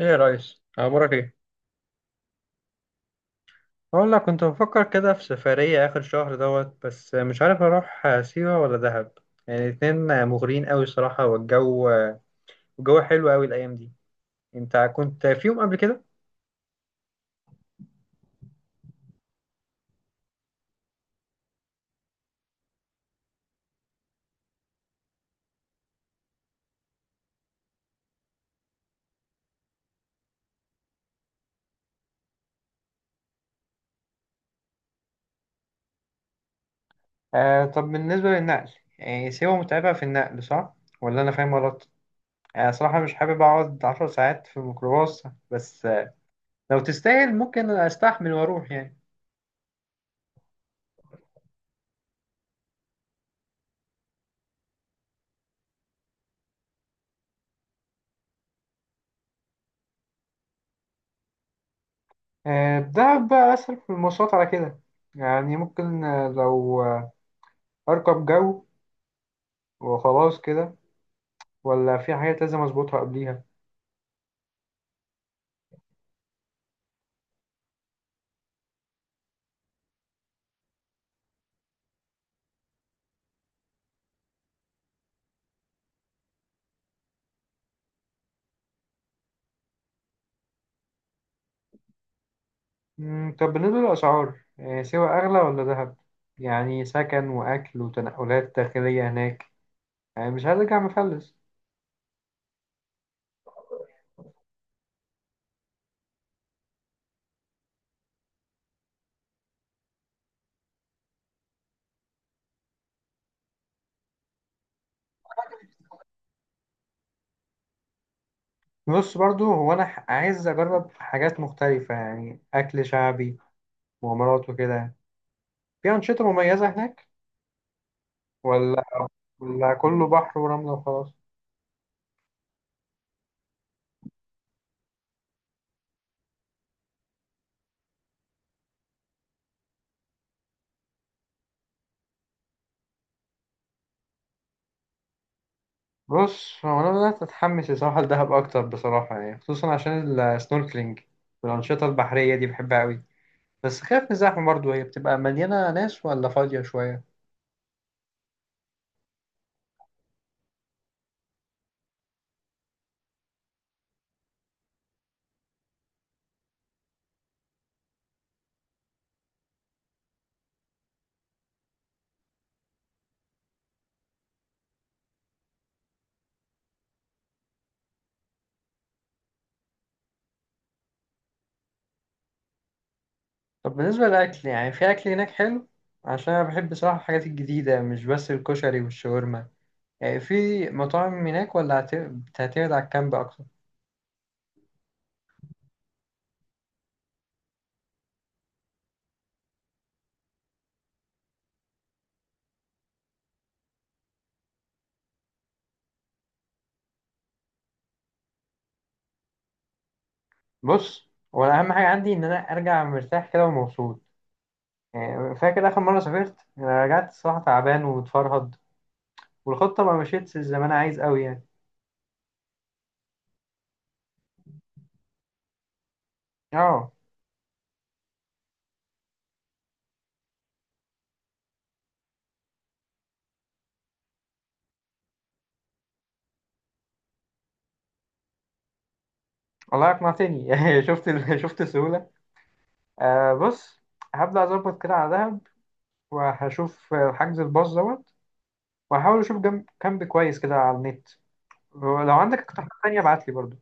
ايه يا ريس، اخبارك ايه؟ اقول لك، كنت بفكر كده في سفرية اخر شهر دوت، بس مش عارف اروح سيوة ولا دهب. يعني الاتنين مغريين قوي الصراحة. والجو، الجو حلو قوي الايام دي. انت كنت فيهم قبل كده؟ آه، طب بالنسبة للنقل، يعني سيوة متعبة في النقل صح؟ ولا أنا فاهم غلط؟ أنا صراحة مش حابب أقعد 10 ساعات في الميكروباص. بس لو تستاهل ممكن أستحمل وأروح يعني. آه، دهب بقى أسهل في المواصلات على كده. يعني ممكن، لو أركب جو وخلاص كده، ولا في حاجات لازم أظبطها قبليها؟ طب بالنسبة للأسعار، سوا أغلى ولا دهب؟ يعني سكن وأكل وتنقلات داخلية هناك، يعني مش هرجع مفلس. بص برضو، هو أنا عايز أجرب حاجات مختلفة، يعني أكل شعبي، مغامرات وكده. في أنشطة مميزة هناك ولا ولا كله بحر ورملة وخلاص؟ بص، هو أنا بدأت أتحمس الصراحة لدهب أكتر بصراحة، يعني خصوصا عشان السنوركلينج والأنشطة البحرية دي بحبها أوي. بس خايف من الزحمة برضه، هي بتبقى مليانة ناس ولا فاضية شوية؟ طب بالنسبة للأكل، يعني في أكل هناك حلو؟ عشان أنا بحب بصراحة الحاجات الجديدة، مش بس الكشري والشاورما. يعني في مطاعم هناك ولا هتعتمد على الكامب أكتر؟ بص، هو أنا أهم حاجة عندي إن أنا أرجع مرتاح كده ومبسوط. يعني فاكر آخر مرة سافرت، أنا رجعت الصراحة تعبان ومتفرهد، والخطة ما مشيتش زي ما أنا عايز أوي يعني. أه، الله يقنع تاني. شفت شفت السهولة. آه بص، هبدأ أظبط كده على دهب، وهشوف حجز الباص دوت، وهحاول اشوف جنب كامب كويس كده على النت. ولو عندك اقتراحات تانية ابعت لي برضو.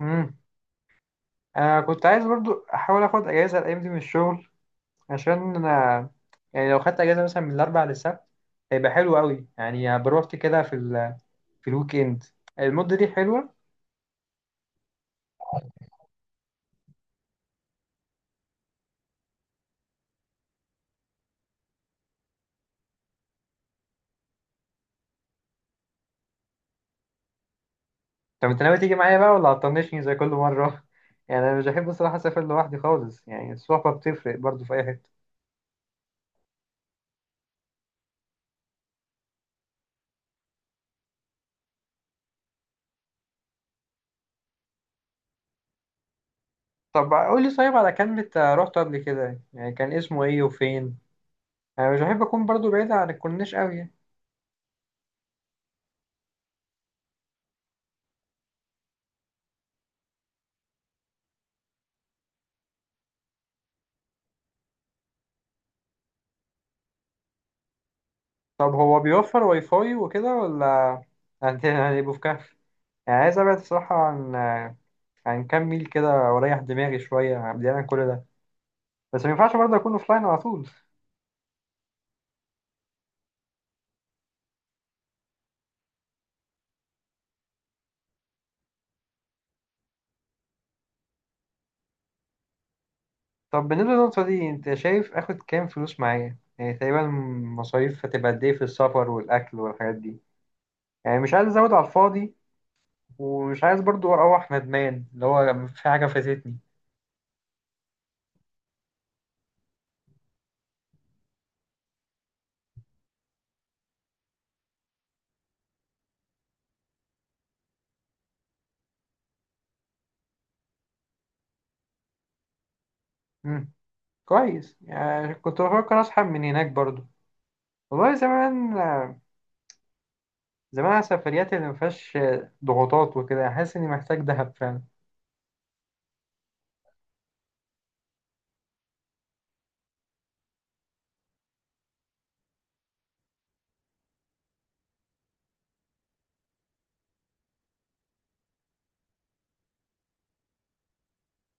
امم كنت عايز برضو احاول اخد اجازة الايام دي من الشغل، عشان انا يعني لو خدت اجازة مثلا من الاربع للسبت، هيبقى حلو قوي، يعني بروحت كده في في الويك اند. المدة دي حلوة. طب انت ناوي تيجي معايا بقى، ولا هتطنشني زي كل مرة؟ يعني انا مش بحب الصراحة اسافر لوحدي خالص، يعني الصحبة بتفرق برضو في اي حتة. طب قول لي، طيب على كلمة، رحت قبل كده يعني، كان اسمه ايه وفين؟ انا مش بحب اكون برضو بعيد عن الكورنيش قوي يعني. طب هو بيوفر واي فاي وكده ولا هنبقوا في كهف؟ يعني عايز ابعد الصراحه، عن كام ميل كده، واريح دماغي شويه بعيد عن كل ده. بس ما ينفعش برضه اكون اوفلاين على طول. طب بالنسبه للنقطه دي، انت شايف اخد كام فلوس معايا يعني تقريبا؟ مصاريف هتبقى قد ايه في السفر والاكل والحاجات دي؟ يعني مش عايز ازود على الفاضي، ومش عايز برضه اروح ندمان اللي هو في حاجه فاتتني. مم. كويس، يعني كنت بفكر اسحب من هناك برضه. والله زمان، زمان على سفرياتي اللي مفيهاش ضغوطات وكده، يعني حاسس اني محتاج دهب فعلا.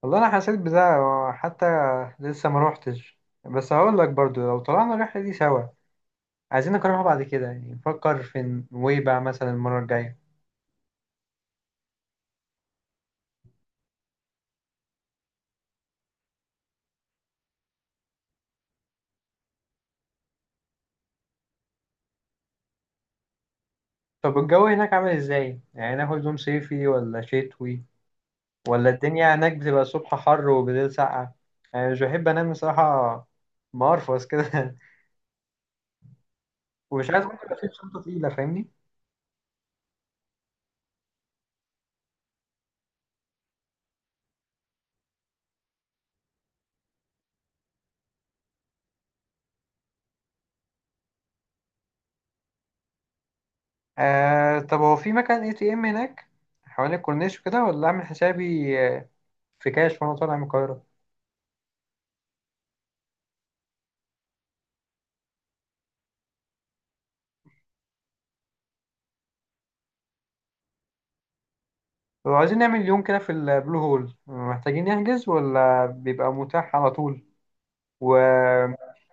والله انا حسيت بده، حتى لسه ما روحتش. بس هقول لك برضو، لو طلعنا الرحله دي سوا، عايزين نكررها بعد كده، يعني نفكر في نويبع مثلا المره الجايه. طب الجو هناك عامل ازاي؟ يعني ناخد هدوم صيفي ولا شتوي؟ ولا الدنيا هناك بتبقى الصبح حر وبالليل ساقعه؟ يعني مش بحب انام بصراحه مقرفص كده. ومش عايز برضه يبقى في شنطه تقيله، فاهمني؟ آه طب، هو في مكان اي تي ام هناك حوالين الكورنيش وكده، ولا اعمل حسابي، في كاش وانا طالع من القاهرة؟ لو عايزين نعمل يوم كده في البلو هول، محتاجين نحجز ولا بيبقى متاح على طول؟ وبص،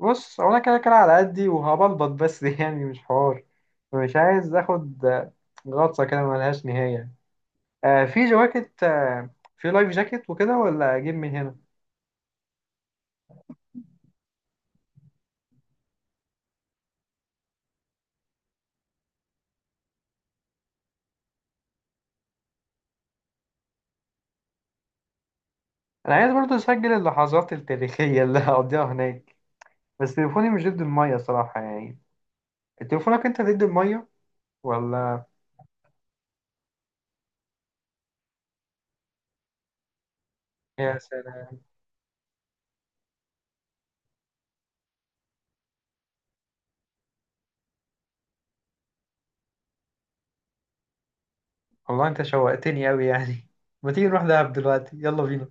هو انا كده كده على قدي وهبلبط بس. يعني مش حوار، مش عايز اخد غطسة كده ملهاش نهاية. في جواكت، في لايف جاكيت وكده، ولا اجيب من هنا؟ انا عايز برضه اسجل اللحظات التاريخية اللي هقضيها هناك، بس تليفوني مش ضد المية صراحة يعني. تليفونك انت ضد المية ولا؟ يا سلام. والله انت شوقتني اوي يعني. ما تيجي نروح دهب دلوقتي، يلا بينا.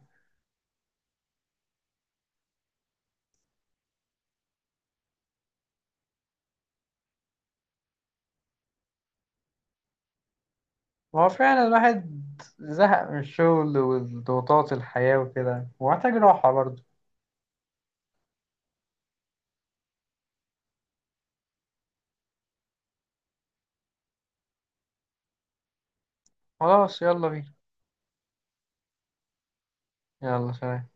هو فعلا الواحد زهق من الشغل والضغوطات الحياة وكده، ومحتاج راحة برضه. خلاص، يلا بينا. يلا سلام.